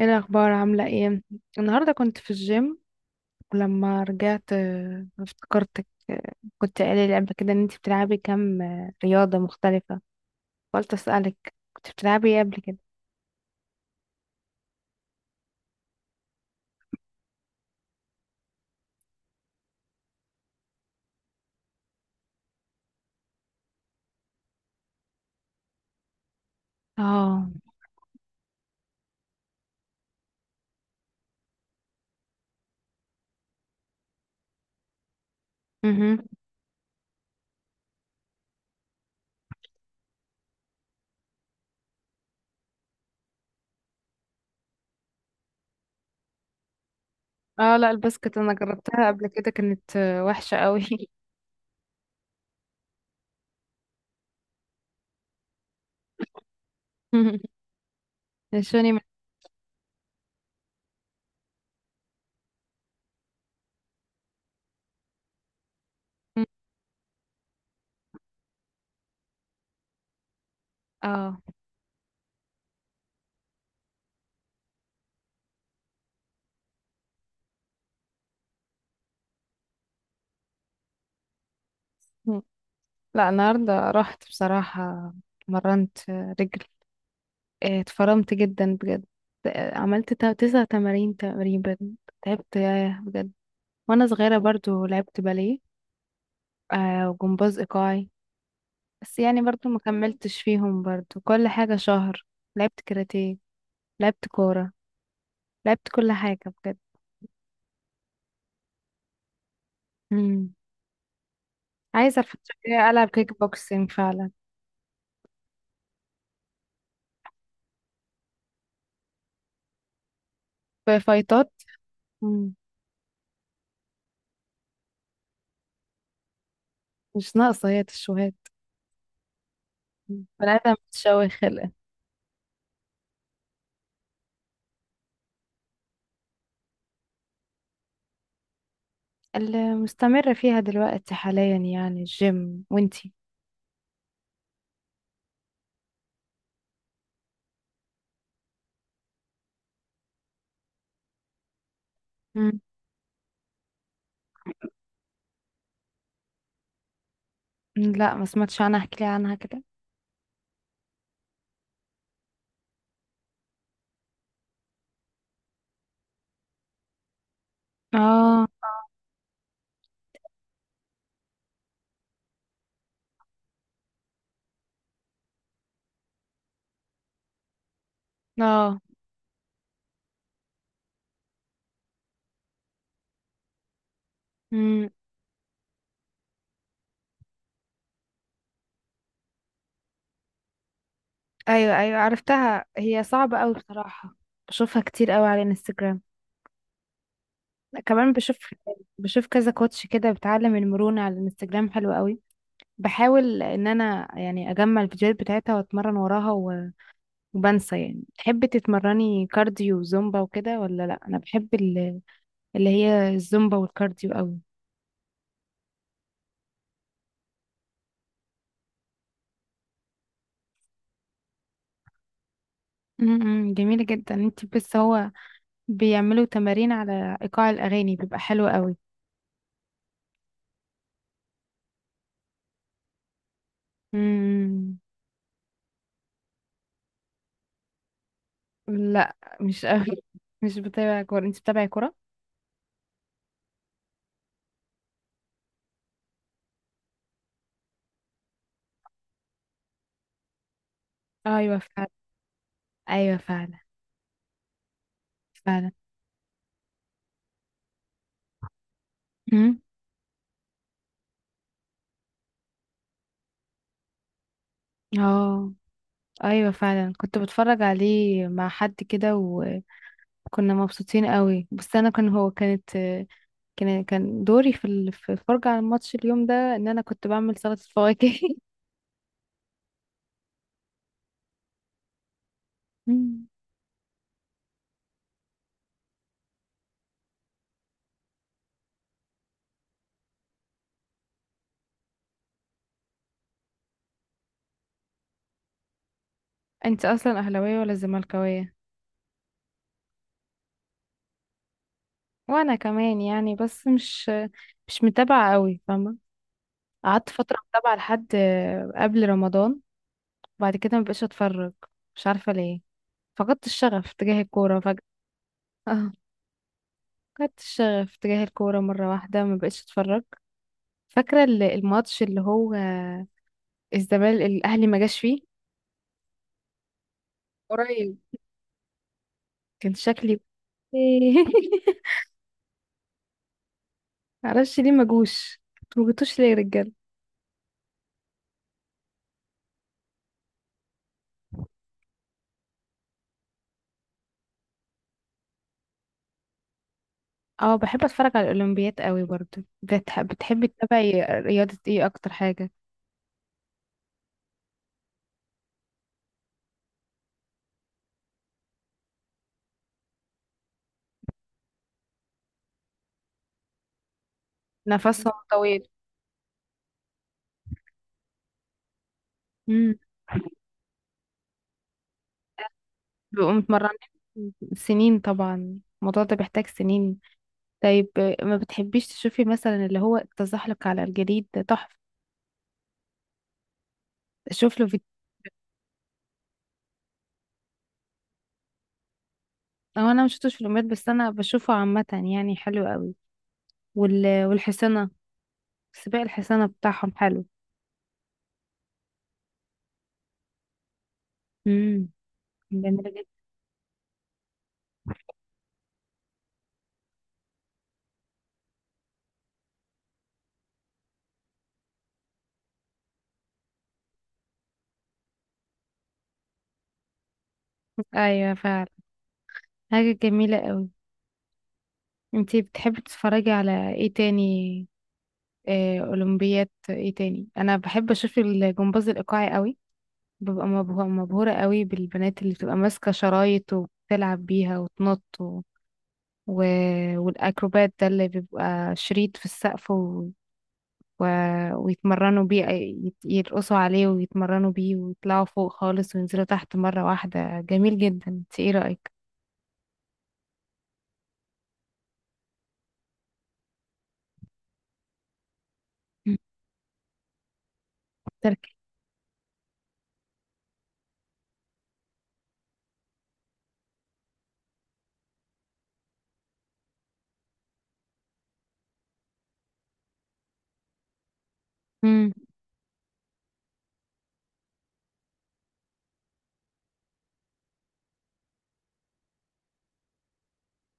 ايه الاخبار؟ عامله ايه؟ النهارده كنت في الجيم. ولما رجعت افتكرتك. كنت قايله لي قبل كده ان انت بتلعبي كام رياضه مختلفه. قلت اسالك كنت بتلعبي ايه قبل كده؟ اه. امم. اه، لا الباسكت انا جربتها قبل كده، كانت وحشه قوي. نشوني. اه لا، النهارده رحت بصراحه. مرنت رجل. اتفرمت جدا بجد. عملت تسع تمارين تقريبا. تعبت، ياه بجد. وانا صغيرة برضو لعبت باليه وجمباز ايقاعي. بس يعني برضو ما كملتش فيهم، برضو كل حاجة شهر. لعبت كاراتيه، لعبت كورة، لعبت كل حاجة بجد. مم. عايزة الفترة الجاية ألعب كيك بوكسينج فعلا. في فايتات. مم. مش ناقصة هي تشوهات. مم. بنادم بتشوه خلقة. اللي مستمرة فيها دلوقتي حاليا يعني الجيم. وانتي؟ مم. لا، ما سمعتش عنها، احكي لي عنها كده. اه، اه. مم. ايوه ايوه، عرفتها، هي صعبة قوي بصراحة. بشوفها كتير قوي على الانستجرام. كمان بشوف. بشوف كذا كوتش كده بتعلم المرونة على الانستجرام، حلو قوي. بحاول ان انا يعني اجمع الفيديوهات بتاعتها واتمرن وراها وبنسى يعني. تحبي تتمرني كارديو وزومبا وكده ولا لا؟ انا بحب اللي هي الزومبا والكارديو قوي. جميلة جدا انت، بس هو بيعملوا تمارين على ايقاع الاغاني بيبقى حلو قوي. لا، مش قوي. مش بتابع كورة. انت بتابعي كورة؟ ايوه فعلا. ايوه فعلا. فعلا. امم. اه، ايوه فعلا، كنت بتفرج عليه مع حد كده وكنا مبسوطين قوي. بس انا كان هو كانت كان دوري في في الفرجة على الماتش اليوم ده ان انا كنت بعمل سلطة فواكه. مم. انت اصلا اهلاوية ولا زملكاوية؟ وانا كمان يعني، بس مش، مش متابعة قوي فاهمة. قعدت فترة متابعة لحد قبل رمضان. بعد كده مبقاش اتفرج، مش عارفة ليه. فقدت الشغف تجاه الكورة فجأة. اه. فقدت الشغف تجاه الكورة مرة واحدة، مبقاش اتفرج. فاكرة الماتش اللي هو الزمالك الأهلي ما جاش فيه قريب. كان شكلي. معرفش ليه ما جوش. انتوا ما جيتوش ليه يا رجالة؟ اه، بحب اتفرج على الأولمبيات قوي برضو. بتحبي تتابعي رياضة ايه اكتر حاجة؟ نفسهم طويل. امم. بيبقوا متمرنين سنين طبعا، الموضوع ده بيحتاج سنين. طيب، ما بتحبيش تشوفي مثلا اللي هو التزحلق على الجليد ده؟ تحفة، اشوف له فيديو. هو انا ما شفتوش في الاولمبياد، بس انا بشوفه عامة يعني، حلو قوي. والحصانة، سباق الحصانة بتاعهم حلو. امم. جميلة جدا. ايوه فعلا. حاجة جميلة قوي. انتي بتحبي تتفرجي على ايه تاني؟ اولمبياد ايه تاني، انا بحب اشوف الجمباز الايقاعي قوي. ببقى مبهورة قوي بالبنات اللي بتبقى ماسكة شرايط وبتلعب بيها وتنط، و... والأكروبات ده اللي بيبقى شريط في السقف و... ويتمرنوا بيه يرقصوا عليه ويتمرنوا بيه ويطلعوا فوق خالص وينزلوا تحت مرة واحدة. جميل جدا. انت ايه رأيك؟ مم. تركي. مم.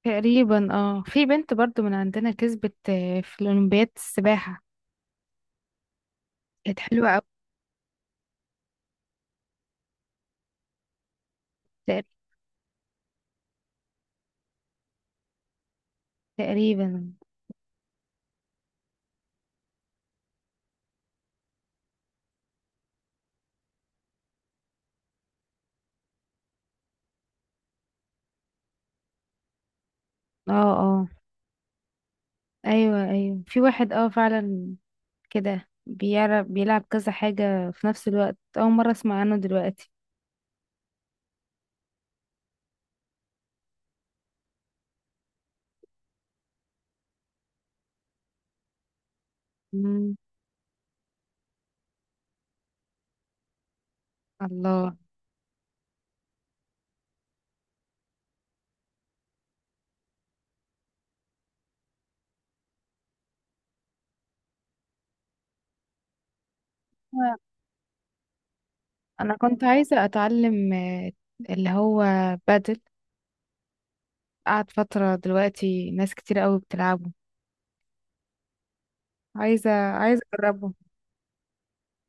تقريبا. اه، في بنت برضو من عندنا كسبت في الأولمبياد السباحة، كانت حلوة أوي. تقريبا. تقريبا. اه، اه، ايوه ايوه، في واحد، اه فعلا كده بيعرف بيلعب كذا حاجة في نفس الوقت، أول مرة أسمع عنه دلوقتي. الله. انا كنت عايزة اتعلم اللي هو بادل. قعد فترة دلوقتي ناس كتير قوي بتلعبه. عايزة، عايزة اجربه.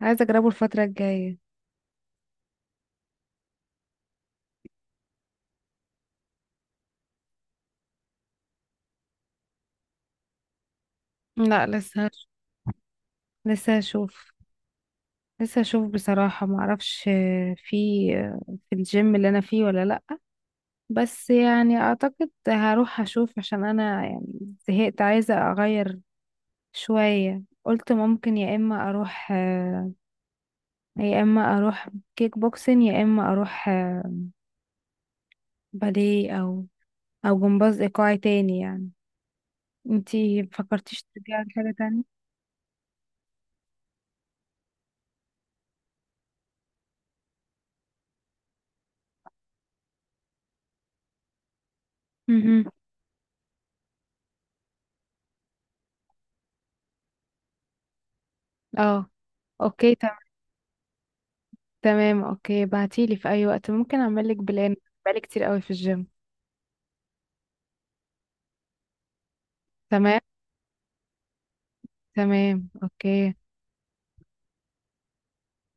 عايزة اجربه الفترة الجاية. لا، لسه هشوف. لسه هشوف بصراحة، ما اعرفش في الجيم اللي انا فيه ولا لا. بس يعني اعتقد هروح اشوف، عشان انا يعني زهقت، عايزة اغير شوية. قلت ممكن يا اما اروح يا اما اروح كيك بوكسين، يا اما اروح باليه، او جمباز ايقاعي تاني يعني. انتي فكرتيش ترجعي لحاجه تانية؟ مهم. اه، اوكي تمام، اوكي. بعتيلي في اي وقت ممكن اعملك بلان. بقالي كتير قوي في الجيم. تمام. تمام، اوكي.